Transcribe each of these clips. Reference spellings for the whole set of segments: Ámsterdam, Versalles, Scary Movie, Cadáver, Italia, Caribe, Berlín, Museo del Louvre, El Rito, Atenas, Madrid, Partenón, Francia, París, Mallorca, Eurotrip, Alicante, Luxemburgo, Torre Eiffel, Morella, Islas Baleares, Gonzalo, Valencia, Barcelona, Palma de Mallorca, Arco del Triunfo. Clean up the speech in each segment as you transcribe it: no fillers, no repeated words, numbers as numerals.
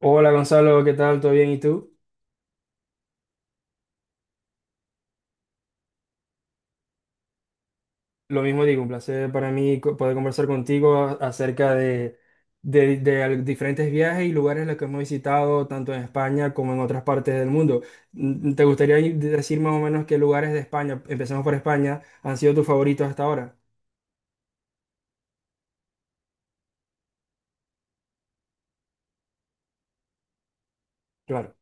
Hola Gonzalo, ¿qué tal? ¿Todo bien? ¿Y tú? Lo mismo digo, un placer para mí poder conversar contigo acerca de diferentes viajes y lugares en los que hemos visitado, tanto en España como en otras partes del mundo. ¿Te gustaría decir más o menos qué lugares de España, empezamos por España, han sido tus favoritos hasta ahora? Claro.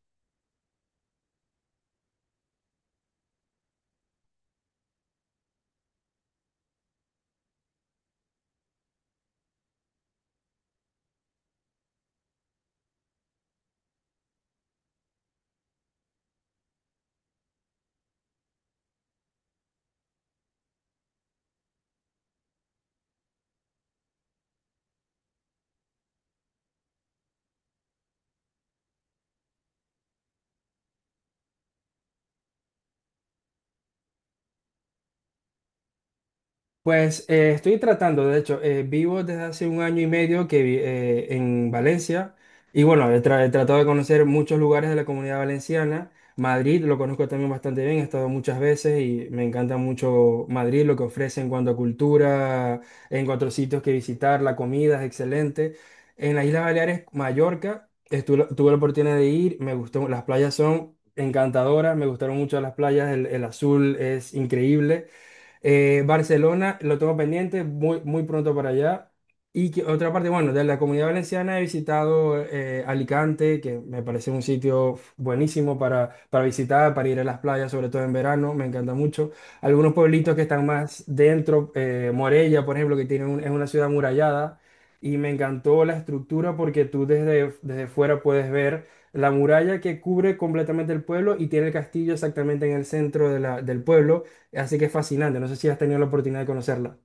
Pues estoy tratando, de hecho, vivo desde hace 1 año y medio que en Valencia y bueno, he tratado de conocer muchos lugares de la Comunidad Valenciana. Madrid lo conozco también bastante bien, he estado muchas veces y me encanta mucho Madrid, lo que ofrece en cuanto a cultura, en cuanto a sitios que visitar, la comida es excelente. En las Islas Baleares, Mallorca, tuve la oportunidad de ir, me gustó, las playas son encantadoras, me gustaron mucho las playas, el azul es increíble. Barcelona, lo tengo pendiente, muy, muy pronto para allá. Y que, otra parte, bueno, de la Comunidad Valenciana he visitado Alicante, que me parece un sitio buenísimo para visitar, para ir a las playas, sobre todo en verano, me encanta mucho. Algunos pueblitos que están más dentro, Morella, por ejemplo, que es una ciudad murallada, y me encantó la estructura porque tú desde, desde fuera puedes ver la muralla que cubre completamente el pueblo y tiene el castillo exactamente en el centro de del pueblo. Así que es fascinante. No sé si has tenido la oportunidad de conocerla.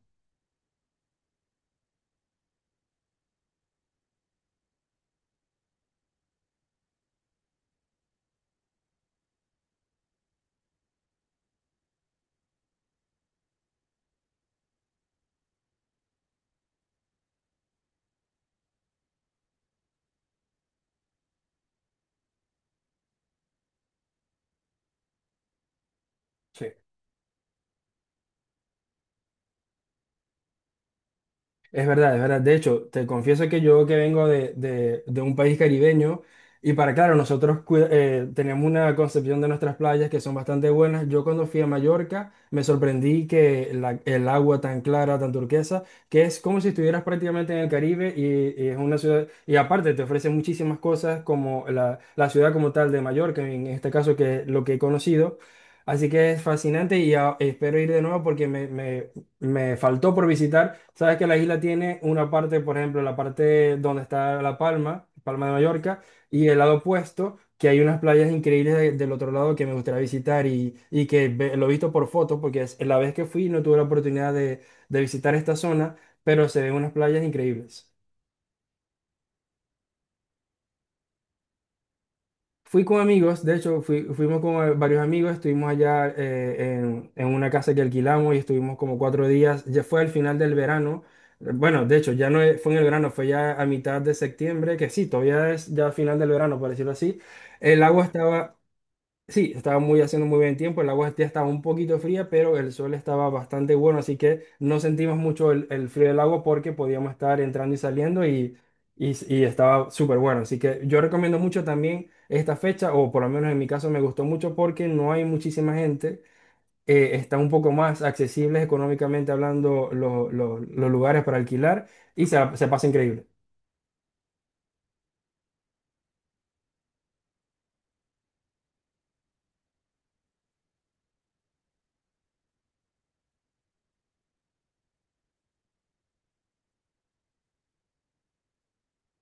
Sí. Es verdad, es verdad. De hecho, te confieso que yo que vengo de un país caribeño y para claro, nosotros tenemos una concepción de nuestras playas que son bastante buenas. Yo cuando fui a Mallorca me sorprendí que el agua tan clara, tan turquesa, que es como si estuvieras prácticamente en el Caribe y es una ciudad, y aparte te ofrece muchísimas cosas como la ciudad como tal de Mallorca, en este caso que es lo que he conocido. Así que es fascinante y espero ir de nuevo porque me faltó por visitar. Sabes que la isla tiene una parte, por ejemplo, la parte donde está La Palma, Palma de Mallorca, y el lado opuesto, que hay unas playas increíbles del otro lado que me gustaría visitar y que lo he visto por fotos, porque es, la vez que fui no tuve la oportunidad de visitar esta zona, pero se ven unas playas increíbles. Fui con amigos, de hecho, fuimos con varios amigos, estuvimos allá en una casa que alquilamos y estuvimos como 4 días. Ya fue al final del verano. Bueno, de hecho, ya no es- fue en el verano, fue ya a mitad de septiembre, que sí, todavía es ya final del verano, por decirlo así. El agua estaba, sí, estaba muy haciendo muy buen tiempo, el agua ya estaba un poquito fría, pero el sol estaba bastante bueno, así que no sentimos mucho el frío del agua porque podíamos estar entrando y saliendo y estaba súper bueno. Así que yo recomiendo mucho también esta fecha, o por lo menos en mi caso me gustó mucho porque no hay muchísima gente, está un poco más accesibles económicamente hablando los lugares para alquilar y se pasa increíble.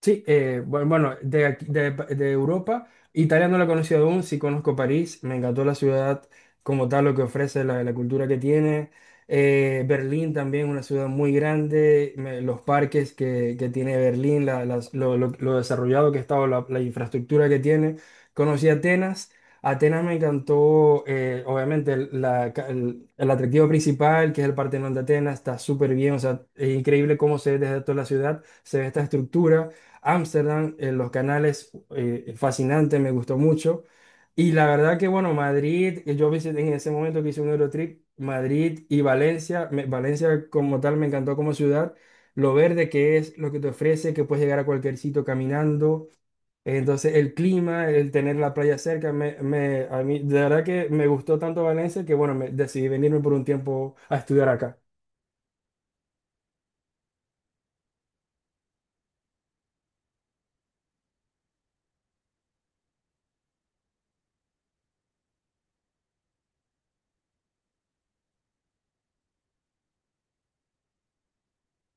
Sí, bueno, de Europa, Italia no la he conocido aún, sí conozco París, me encantó la ciudad como tal, lo que ofrece, la cultura que tiene. Berlín también, una ciudad muy grande, los parques que tiene Berlín, lo desarrollado que está, o la infraestructura que tiene. Conocí Atenas, Atenas me encantó, obviamente, el atractivo principal, que es el Partenón de Atenas, está súper bien, o sea, es increíble cómo se ve desde toda la ciudad, se ve esta estructura. Ámsterdam, los canales, fascinante, me gustó mucho. Y la verdad que, bueno, Madrid, que yo visité en ese momento que hice un Eurotrip, Madrid y Valencia, Valencia como tal me encantó como ciudad, lo verde que es, lo que te ofrece, que puedes llegar a cualquier sitio caminando. Entonces, el clima, el tener la playa cerca, a mí, de verdad que me gustó tanto Valencia que, bueno, me, decidí venirme por un tiempo a estudiar acá.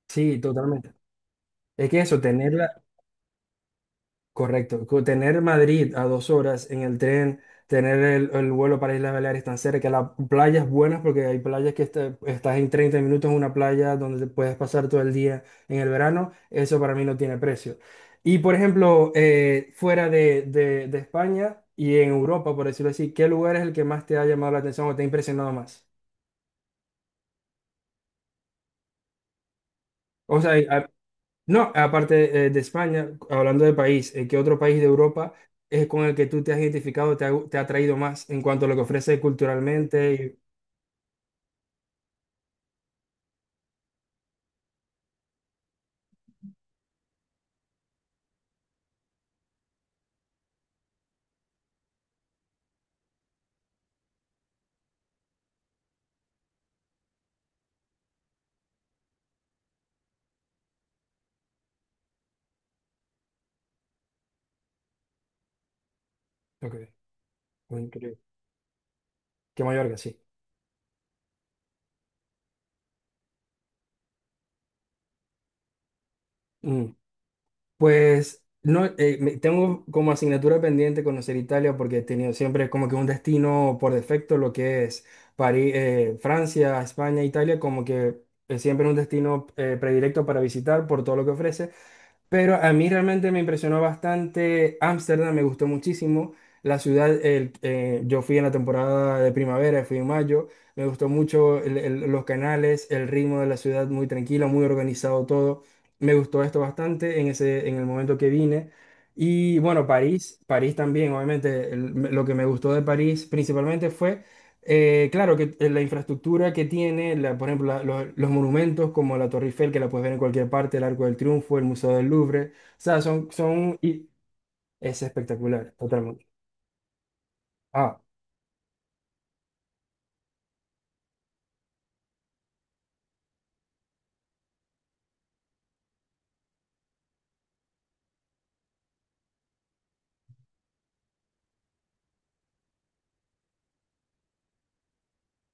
Sí, totalmente. Es que eso, tener correcto. Tener Madrid a 2 horas en el tren, tener el vuelo para Islas Baleares tan cerca, las playas buenas, porque hay playas que estás en 30 minutos en una playa donde te puedes pasar todo el día en el verano, eso para mí no tiene precio. Y por ejemplo, fuera de, de España y en Europa, por decirlo así, ¿qué lugar es el que más te ha llamado la atención o te ha impresionado más? O sea, no, aparte de España, hablando de país, ¿qué otro país de Europa es con el que tú te has identificado, te ha atraído más en cuanto a lo que ofrece culturalmente? Y... Ok, muy increíble. Que Mallorca, sí. Mm, pues no, tengo como asignatura pendiente conocer Italia porque he tenido siempre como que un destino por defecto, lo que es París, Francia, España, Italia, como que es siempre un destino predilecto para visitar por todo lo que ofrece. Pero a mí realmente me impresionó bastante Ámsterdam, me gustó muchísimo. La ciudad, yo fui en la temporada de primavera, fui en mayo, me gustó mucho los canales, el ritmo de la ciudad muy tranquilo, muy organizado todo. Me gustó esto bastante en ese, en el momento que vine. Y bueno, París, París también, obviamente, lo que me gustó de París principalmente fue claro que la infraestructura que tiene, por ejemplo, los monumentos como la Torre Eiffel, que la puedes ver en cualquier parte, el Arco del Triunfo, el Museo del Louvre, o sea, son, son, y es espectacular, totalmente. Ah,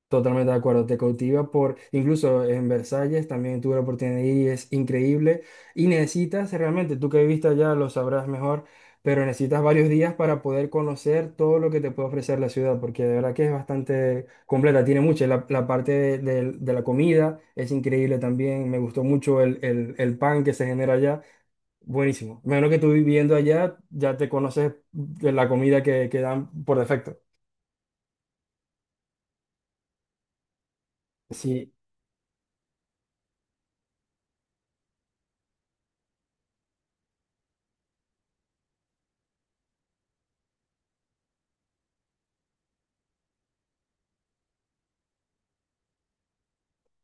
totalmente de acuerdo, te cautiva por, incluso en Versalles también tuve la oportunidad de ir y es increíble y necesitas realmente, tú que viviste allá lo sabrás mejor, pero necesitas varios días para poder conocer todo lo que te puede ofrecer la ciudad, porque de verdad que es bastante completa, tiene mucho, la parte de la comida es increíble también, me gustó mucho el pan que se genera allá, buenísimo. Menos que tú viviendo allá, ya te conoces de la comida que dan por defecto. Sí,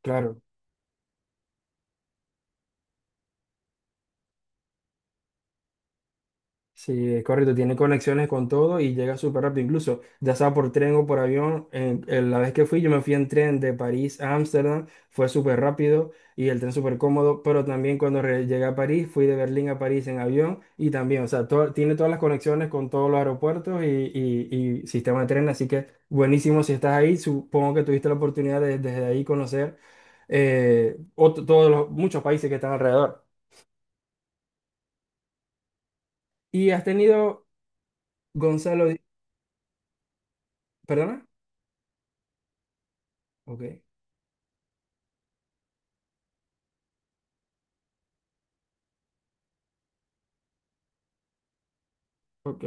claro. Sí, es correcto, tiene conexiones con todo y llega súper rápido, incluso ya sea por tren o por avión. En en la vez que fui, yo me fui en tren de París a Ámsterdam, fue súper rápido y el tren súper cómodo, pero también cuando llegué a París, fui de Berlín a París en avión y también, o sea, tiene todas las conexiones con todos los aeropuertos y, y sistema de tren, así que buenísimo si estás ahí, supongo que tuviste la oportunidad de desde ahí conocer todos los, muchos países que están alrededor. ¿Y has tenido, Gonzalo, perdona? Ok. Ok.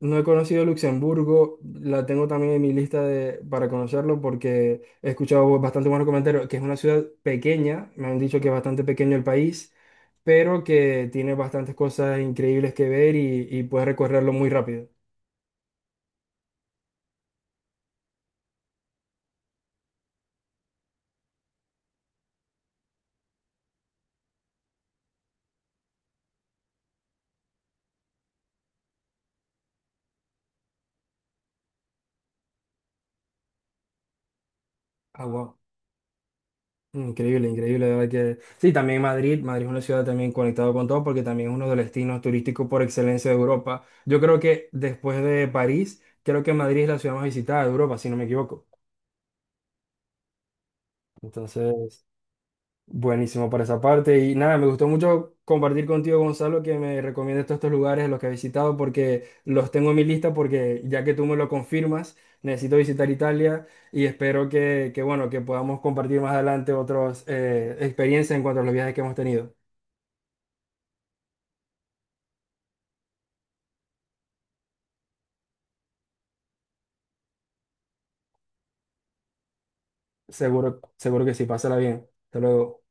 No he conocido Luxemburgo, la tengo también en mi lista de, para conocerlo porque he escuchado bastante buenos comentarios, que es una ciudad pequeña, me han dicho que es bastante pequeño el país, pero que tiene bastantes cosas increíbles que ver y puedes recorrerlo muy rápido. Ah, wow. Increíble, increíble, de verdad que... Sí, también Madrid, Madrid es una ciudad también conectada con todo porque también es uno de los destinos turísticos por excelencia de Europa. Yo creo que después de París, creo que Madrid es la ciudad más visitada de Europa, si no me equivoco. Entonces... Buenísimo por esa parte. Y nada, me gustó mucho compartir contigo, Gonzalo, que me recomiendes todos estos lugares a los que he visitado, porque los tengo en mi lista, porque ya que tú me lo confirmas, necesito visitar Italia y espero que, bueno, que podamos compartir más adelante otras experiencias en cuanto a los viajes que hemos tenido. Seguro, seguro que sí, pásala bien. Hasta luego.